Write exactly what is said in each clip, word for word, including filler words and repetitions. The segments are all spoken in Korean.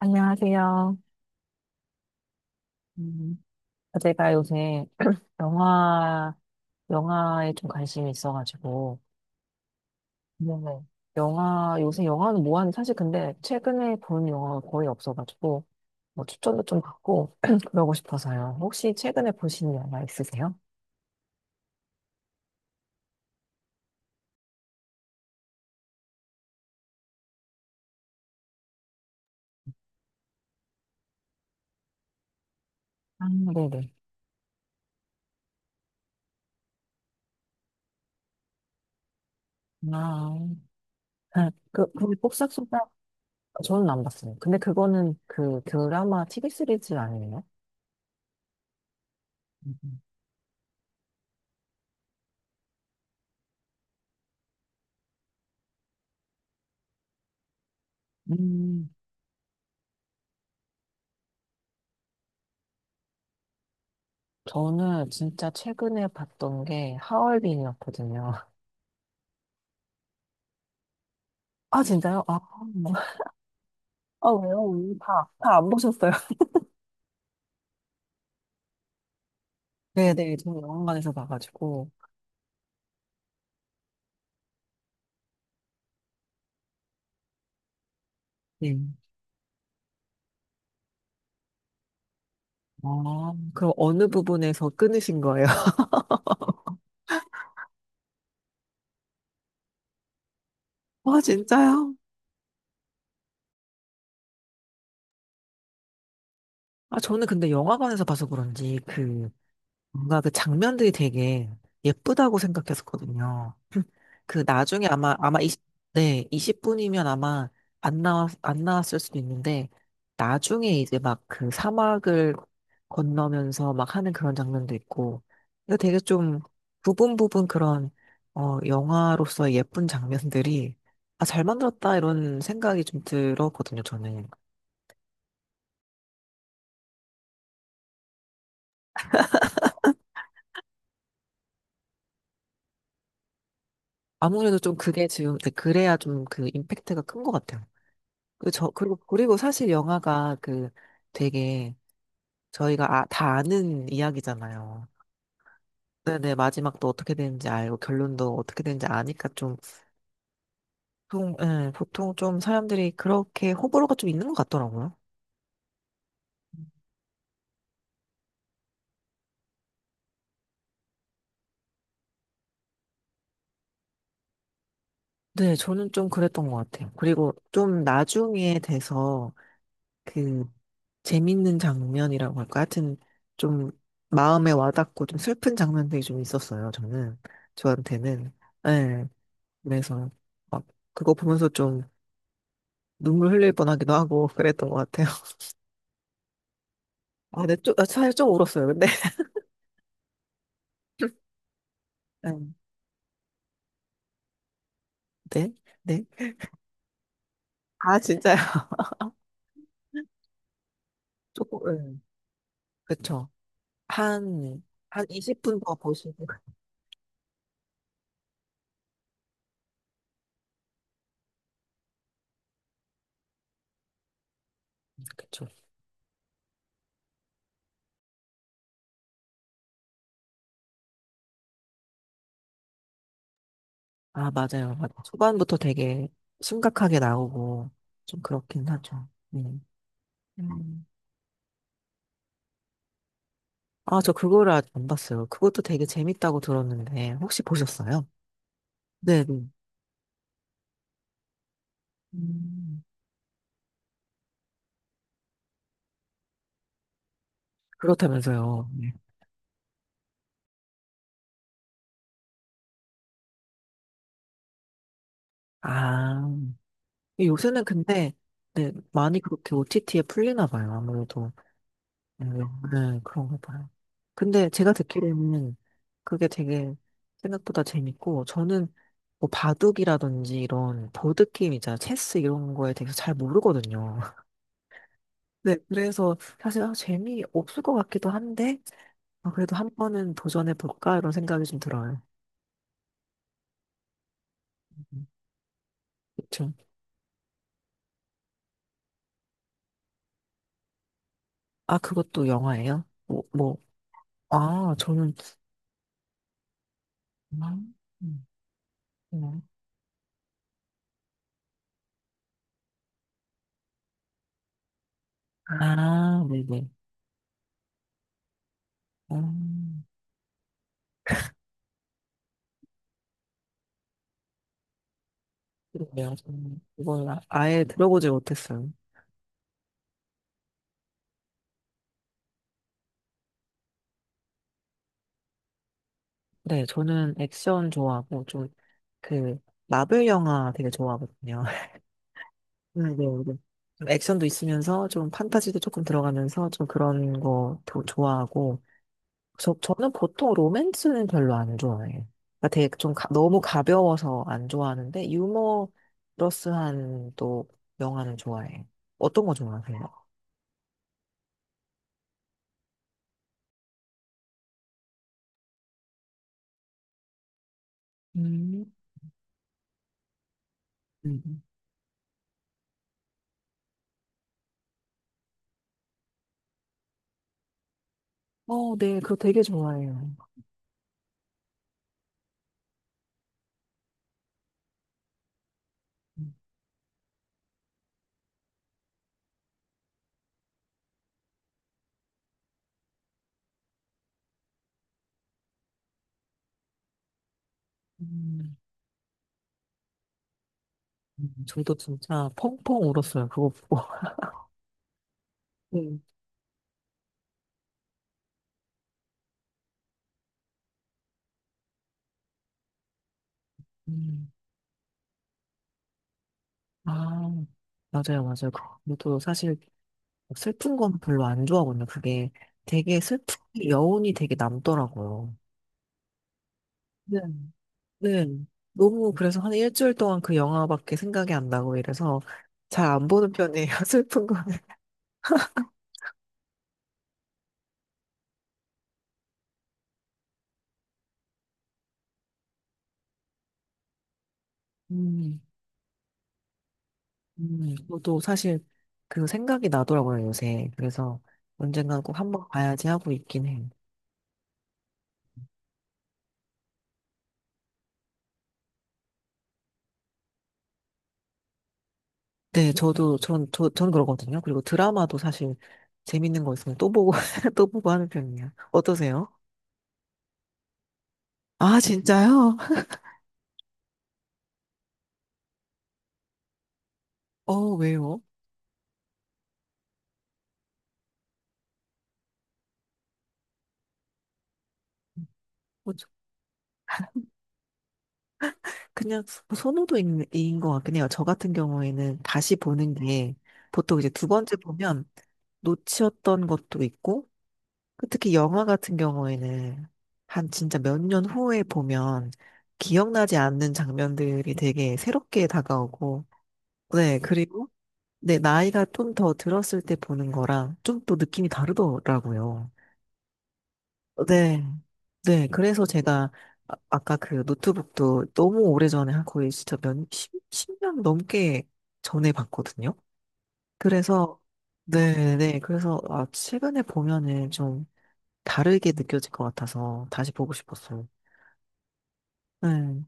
안녕하세요. 음, 제가 요새 영화, 영화에 좀 관심이 있어가지고, 네. 영화, 요새 영화는 뭐하는 사실 근데 최근에 본 영화가 거의 없어가지고, 뭐 추천도 좀 받고, 그러고 싶어서요. 혹시 최근에 보신 영화 있으세요? 아, 네네. 아, 아, 그, 그, pop싹소다? 저는 안 봤어요. 근데 그거는 그 드라마 티비 시리즈 아니에요? 음, 저는 진짜 최근에 봤던 게 하얼빈이었거든요. 아, 진짜요? 아, 뭐. 아, 왜요? 다, 다 안 보셨어요? 네네, 저는 영화관에서 봐가지고. 네. 아, 그럼 어느 부분에서 끊으신 거예요? 아, 진짜요? 아, 저는 근데 영화관에서 봐서 그런지 그, 뭔가 그 장면들이 되게 예쁘다고 생각했었거든요. 그 나중에 아마 아마 이십, 네, 이십 분이면 아마 안 나왔 안 나왔을 수도 있는데 나중에 이제 막 그 사막을 건너면서 막 하는 그런 장면도 있고 이거 되게 좀 부분 부분 그런 어 영화로서의 예쁜 장면들이 아, 잘 만들었다 이런 생각이 좀 들었거든요 저는. 아무래도 좀 그게 지금 네, 그래야 좀 그 임팩트가 큰 것 같아요. 그리고 저 그리고 그리고 사실 영화가 그 되게 저희가 아, 다 아는 이야기잖아요. 네네, 마지막도 어떻게 되는지 알고, 결론도 어떻게 되는지 아니까 좀, 보통, 예, 보통 좀 사람들이 그렇게 호불호가 좀 있는 것 같더라고요. 네, 저는 좀 그랬던 것 같아요. 그리고 좀 나중에 돼서, 그, 재밌는 장면이라고 할까? 하여튼, 좀, 마음에 와닿고 좀 슬픈 장면들이 좀 있었어요, 저는. 저한테는. 예, 그래서, 막, 그거 보면서 좀, 눈물 흘릴 뻔하기도 하고, 그랬던 것 같아요. 아, 네, 좀, 아, 사실 좀 울었어요, 근데. 음, 네, 네. 아, 진짜. 조금, 예, 그쵸. 한, 한 이십 분 더 보시고. 그쵸. 아, 맞아요. 맞아요. 초반부터 되게 심각하게 나오고, 좀 그렇긴 하죠. 네. 음. 아, 저 그거를 아직 안 봤어요. 그것도 되게 재밌다고 들었는데, 혹시 보셨어요? 네. 네. 음, 그렇다면서요. 네. 아, 요새는 근데, 네, 많이 그렇게 오티티에 풀리나 봐요, 아무래도. 음, 네, 그런가 봐요. 근데 제가 듣기로는 그게 되게 생각보다 재밌고, 저는 뭐 바둑이라든지 이런 보드게임 있잖아요. 체스 이런 거에 대해서 잘 모르거든요. 네, 그래서 사실 아, 재미없을 것 같기도 한데, 아, 그래도 한 번은 도전해볼까? 이런 생각이 좀 들어요. 음, 그쵸. 아, 그것도 영화예요? 뭐, 뭐, 아, 저는, 음, 음, 음. 아, 네네. 음. 그러게요. 저는 이걸 아- 아예 들어보지 못했어요. 네, 저는 액션 좋아하고 좀 그 마블 영화 되게 좋아하거든요. 네, 네, 네. 좀 액션도 있으면서 좀 판타지도 조금 들어가면서 좀 그런 거도 좋아하고 저 저는 보통 로맨스는 별로 안 좋아해요. 그러니까 되게 좀 가- 너무 가벼워서 안 좋아하는데 유머러스한 또 영화는 좋아해요. 어떤 거 좋아하세요? 음. 음. 어, 네, 그거 되게 좋아해요. 음. 음, 저도 진짜 펑펑 울었어요. 그거 보고. 음. 음. 아, 맞아요, 맞아요. 그- 저도 사실 슬픈 건 별로 안 좋아하거든요. 그게 되게 슬픈 게 여운이 되게 남더라고요. 네. 네. 너무 그래서 한 일주일 동안 그 영화밖에 생각이 안 나고 이래서 잘 안 보는 편이에요. 슬픈 거는. 음, 음, 저도 사실 그 생각이 나더라고요, 요새. 그래서 언젠간 꼭 한번 봐야지 하고 있긴 해요. 네, 저도, 전, 저, 저는 그러거든요. 그리고 드라마도 사실 재밌는 거 있으면 또 보고, 또 보고 하는 편이에요. 어떠세요? 아, 진짜요? 어, 왜요? 뭐 저- 그냥 선호도인 인것 같긴 해요. 저 같은 경우에는 다시 보는 게 보통 이제 두 번째 보면 놓치었던 것도 있고, 그 특히 영화 같은 경우에는 한 진짜 몇 년 후에 보면 기억나지 않는 장면들이 되게 새롭게 다가오고, 네, 그리고 네, 나이가 좀 더 들었을 때 보는 거랑 좀 또 느낌이 다르더라고요. 네. 네, 그래서 제가 아, 아까 그 노트북도 너무 오래전에 한 거의 진짜 몇, 십, 년 넘게 전에 봤거든요. 그래서 네, 네. 그래서 아, 최근에 보면은 좀 다르게 느껴질 것 같아서 다시 보고 싶었어요. 네,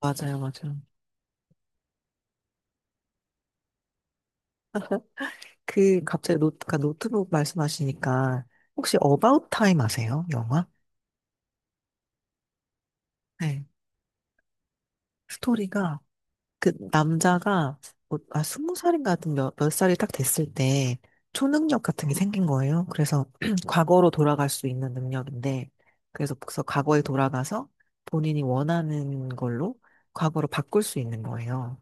맞아요, 맞아요. 그 갑자기 노트, 그 노트북 말씀하시니까 혹시 어바웃 타임 아세요? 영화? 네. 스토리가 그 남자가 뭐, 아, 스무 살인가 하여튼 몇, 몇 살이 딱 됐을 때 초능력 같은 게 생긴 거예요. 그래서 과거로 돌아갈 수 있는 능력인데 그래서 그래서 과거에 돌아가서 본인이 원하는 걸로 과거로 바꿀 수 있는 거예요.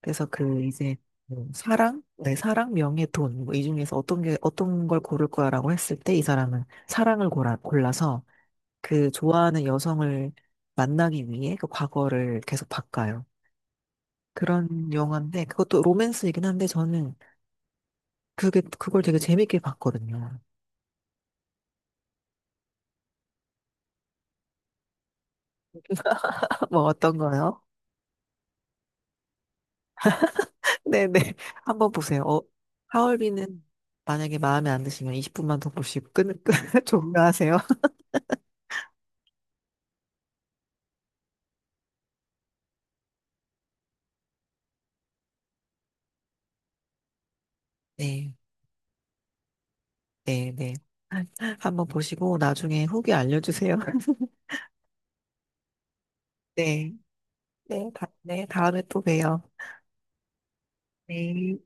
그래서 그 이제 뭐 사랑, 네, 사랑, 명예, 돈, 뭐 이 중에서 어떤 게 어떤 걸 고를 거야라고 했을 때 이 사람은 사랑을 골라, 골라서 그 좋아하는 여성을 만나기 위해 그 과거를 계속 바꿔요. 그런 영화인데 그것도 로맨스이긴 한데 저는 그게 그걸 되게 재밌게 봤거든요. 뭐 어떤 거요? 네네 한번 보세요. 어, 하얼빈은 만약에 마음에 안 드시면 이십 분만 더 보시고 끊, 끊 종료하세요. 네, 네, 네. 한번 보시고 나중에 후기 알려주세요. 네, 네, 다, 네, 다음에 또 봬요. 네.